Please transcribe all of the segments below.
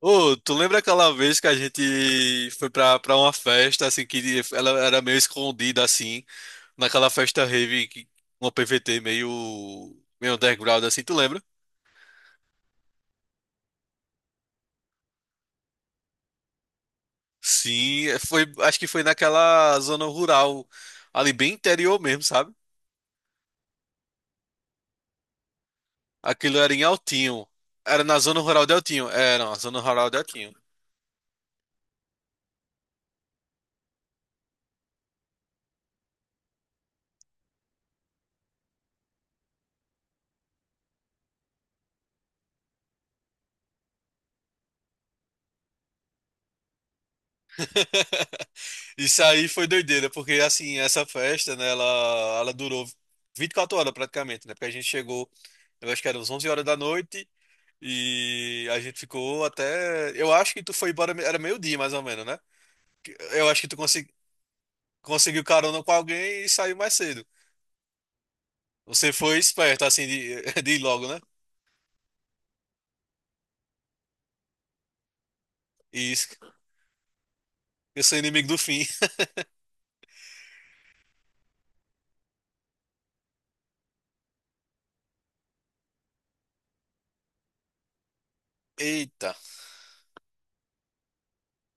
Ô, tu lembra aquela vez que a gente foi pra uma festa, assim, que ela era meio escondida, assim, naquela festa rave, uma PVT meio underground, assim, tu lembra? Sim, é, foi, acho que foi naquela zona rural, ali bem interior mesmo, sabe? Aquilo era em Altinho. Era na zona rural de Altinho. É, não, a zona rural de Altinho. Isso aí foi doideira, porque assim, essa festa, né, ela durou 24 horas praticamente, né? Porque a gente chegou, eu acho que era uns 11 horas da noite e a gente ficou até, eu acho que tu foi embora, era meio-dia mais ou menos, né? Eu acho que conseguiu carona com alguém e saiu mais cedo. Você foi esperto, assim, de ir logo, né? Isso, eu sou inimigo do fim. Eita,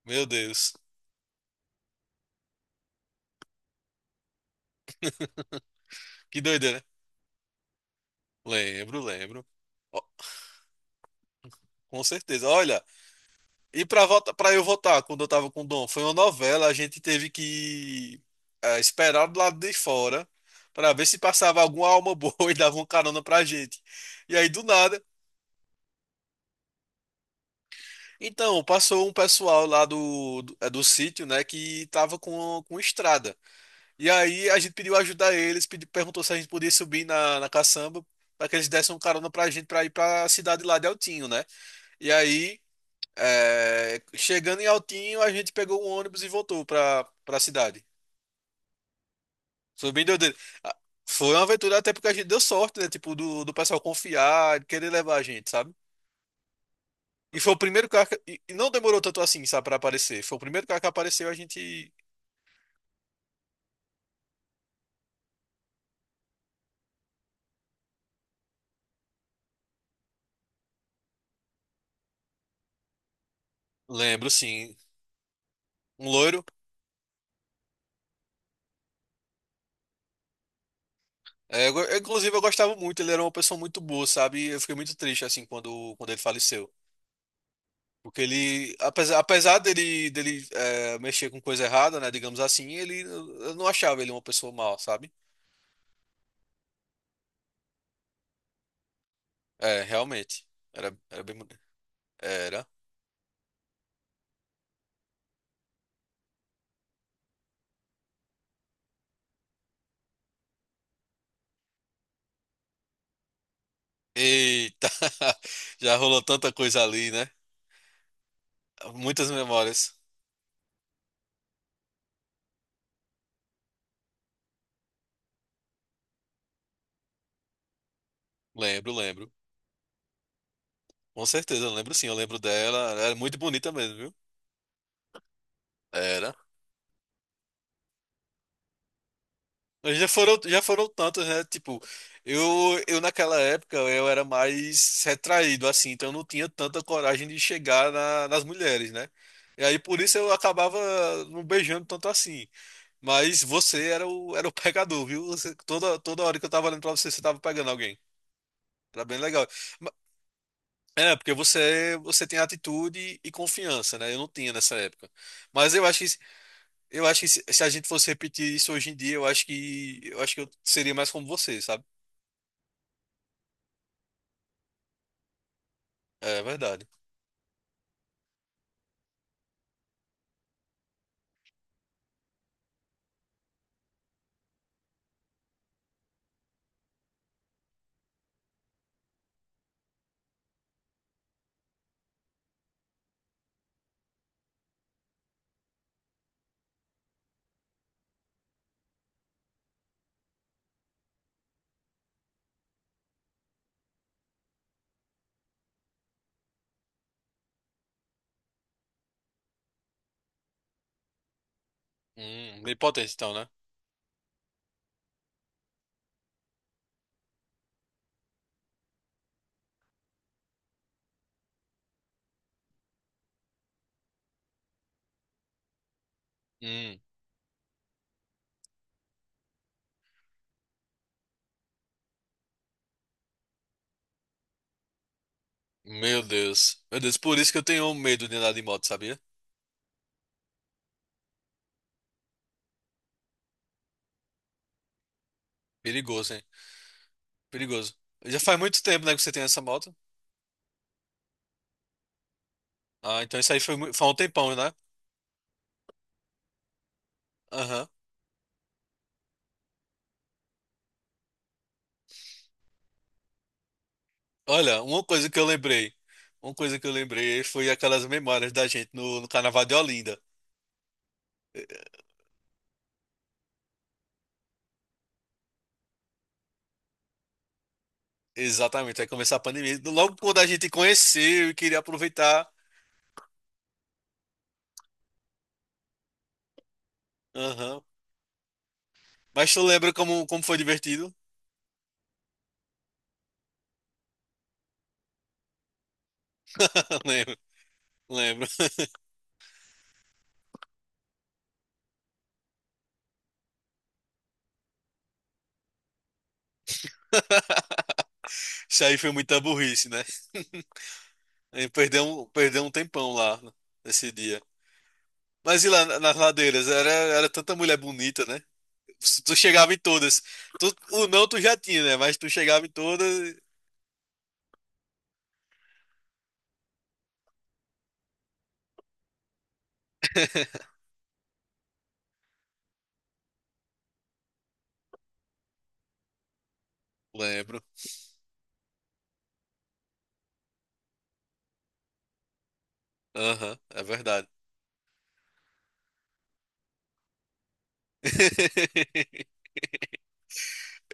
meu Deus. Que doideira, né? Lembro, lembro. Ó, com certeza. Olha, e pra eu votar, quando eu tava com o Dom, foi uma novela, a gente teve que esperar do lado de fora pra ver se passava alguma alma boa e dava uma carona pra gente. E aí, do nada, então, passou um pessoal lá do do sítio, né, que tava com estrada. E aí, a gente pediu ajuda a eles, perguntou se a gente podia subir na caçamba pra que eles dessem uma carona pra gente pra ir pra cidade lá de Altinho, né? E aí, é, chegando em Altinho, a gente pegou um ônibus e voltou pra cidade. Foi bem subindo, ah, foi uma aventura até porque a gente deu sorte, né? Tipo, do pessoal confiar, querer levar a gente, sabe? E foi o primeiro carro que, e não demorou tanto assim, sabe, pra aparecer. Foi o primeiro carro que apareceu, a gente. Lembro, sim. Um loiro. É, eu inclusive, eu gostava muito, ele era uma pessoa muito boa, sabe? Eu fiquei muito triste, assim, quando, quando ele faleceu. Porque ele, apesar dele, dele mexer com coisa errada, né, digamos assim, ele, eu não achava ele uma pessoa mal, sabe? É, realmente. Era, era bem. Era. Eita! Já rolou tanta coisa ali, né? Muitas memórias. Lembro, lembro. Com certeza, eu lembro sim, eu lembro dela. Era muito bonita mesmo, viu? Era. Já foram tantas, né? Tipo, eu naquela época eu era mais retraído, assim, então eu não tinha tanta coragem de chegar nas mulheres, né? E aí por isso eu acabava não beijando tanto assim. Mas você era era o pegador, viu? Toda, toda hora que eu tava olhando pra você, você tava pegando alguém. Era bem legal. Ma- É, porque você, você tem atitude e confiança, né? Eu não tinha nessa época. Mas eu acho que se a gente fosse repetir isso hoje em dia, eu acho que eu seria mais como você, sabe? É verdade. Bem potente então, né? Hum, meu Deus. Meu Deus, por isso que eu tenho medo de andar de moto, sabia? Perigoso, hein? Perigoso. Já faz muito tempo, né, que você tem essa moto. Ah, então isso aí foi, foi há um tempão, né? Aham. Olha, uma coisa que eu lembrei. Uma coisa que eu lembrei foi aquelas memórias da gente no Carnaval de Olinda. Exatamente, aí começar a pandemia. Logo quando a gente conheceu e queria aproveitar. Aham. Mas tu lembra como, como foi divertido? Lembro, lembro. Isso aí foi muita burrice, né? E perdeu perdeu um tempão lá né, nesse dia. Mas e lá nas ladeiras? Era, era tanta mulher bonita, né? Tu chegava em todas. Tu, o não tu já tinha, né? Mas tu chegava em todas. Lembro. Aham, é verdade.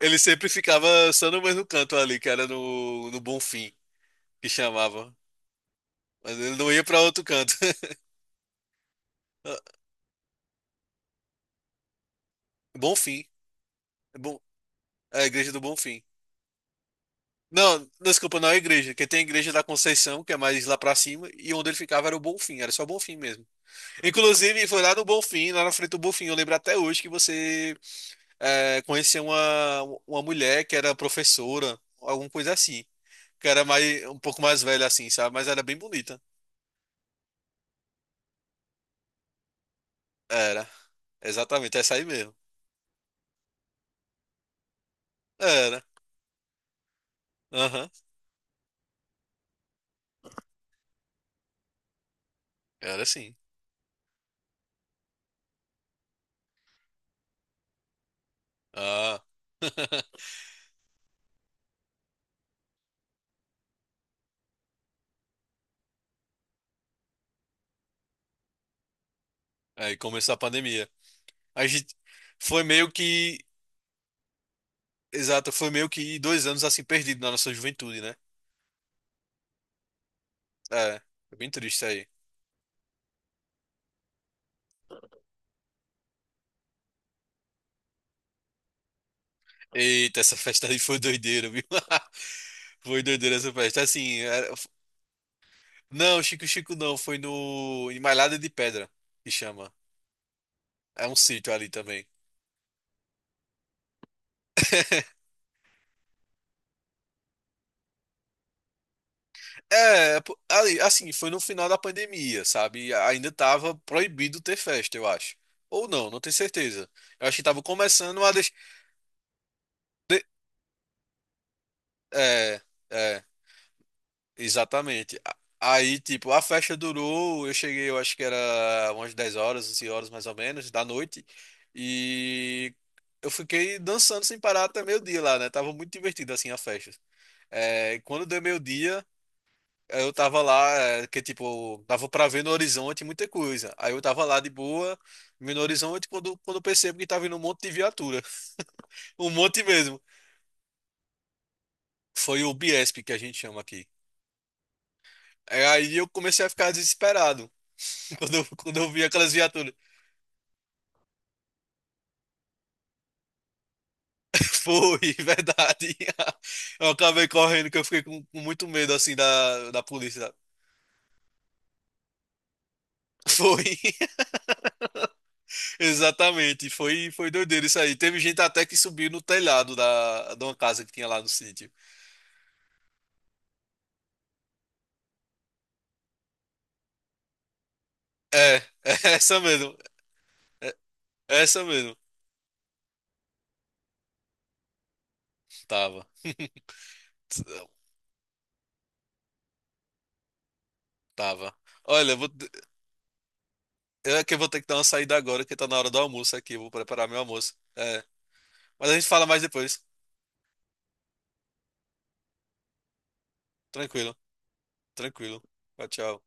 Ele sempre ficava só no mesmo canto ali, que era no Bonfim, que chamava. Mas ele não ia pra outro canto. Bonfim. É bom, é a igreja do Bonfim. Não, desculpa, não é igreja, porque tem a igreja da Conceição, que é mais lá pra cima, e onde ele ficava era o Bonfim, era só o Bonfim mesmo. Inclusive, foi lá no Bonfim, lá na frente do Bonfim, eu lembro até hoje que você é, conheceu uma mulher que era professora, alguma coisa assim, que era mais, um pouco mais velha assim, sabe? Mas era bem bonita. Era, exatamente, essa aí mesmo. Era, aham, era sim. Ah, aí começou a pandemia. A gente foi meio que exato, foi meio que 2 anos assim perdido na nossa juventude, né? É, foi bem triste isso aí. Eita, essa festa aí foi doideira, viu? Foi doideira essa festa. Assim, não, Chico Chico não, foi no em Malhada de Pedra, que chama. É um sítio ali também. É, pô, ali, assim, foi no final da pandemia, sabe? Ainda tava proibido ter festa, eu acho. Ou não, não tenho certeza. Eu acho que tava começando a deixar. É, é, exatamente. Aí, tipo, a festa durou, eu cheguei, eu acho que era umas 10 horas, 11 horas mais ou menos, da noite, e eu fiquei dançando sem parar até meio-dia lá, né? Tava muito divertido, assim, a festa. É, e quando deu meio-dia, eu tava lá, é, que, tipo, dava pra ver no horizonte muita coisa. Aí eu tava lá de boa, vendo no horizonte, quando, quando eu percebo que tava vindo um monte de viatura, um monte mesmo. Foi o Biesp que a gente chama aqui. É, aí eu comecei a ficar desesperado. Quando eu vi aquelas viaturas. Foi, verdade. Eu acabei correndo, que eu fiquei com muito medo, assim, da polícia, sabe? Foi, exatamente. Foi, foi doideira isso aí. Teve gente até que subiu no telhado da, de uma casa que tinha lá no sítio. É, é essa mesmo. É, é essa mesmo. Tava, tava. Olha, eu é que eu vou ter que dar uma saída agora, que tá na hora do almoço aqui. Eu vou preparar meu almoço. É, mas a gente fala mais depois. Tranquilo, tranquilo. Tchau, tchau.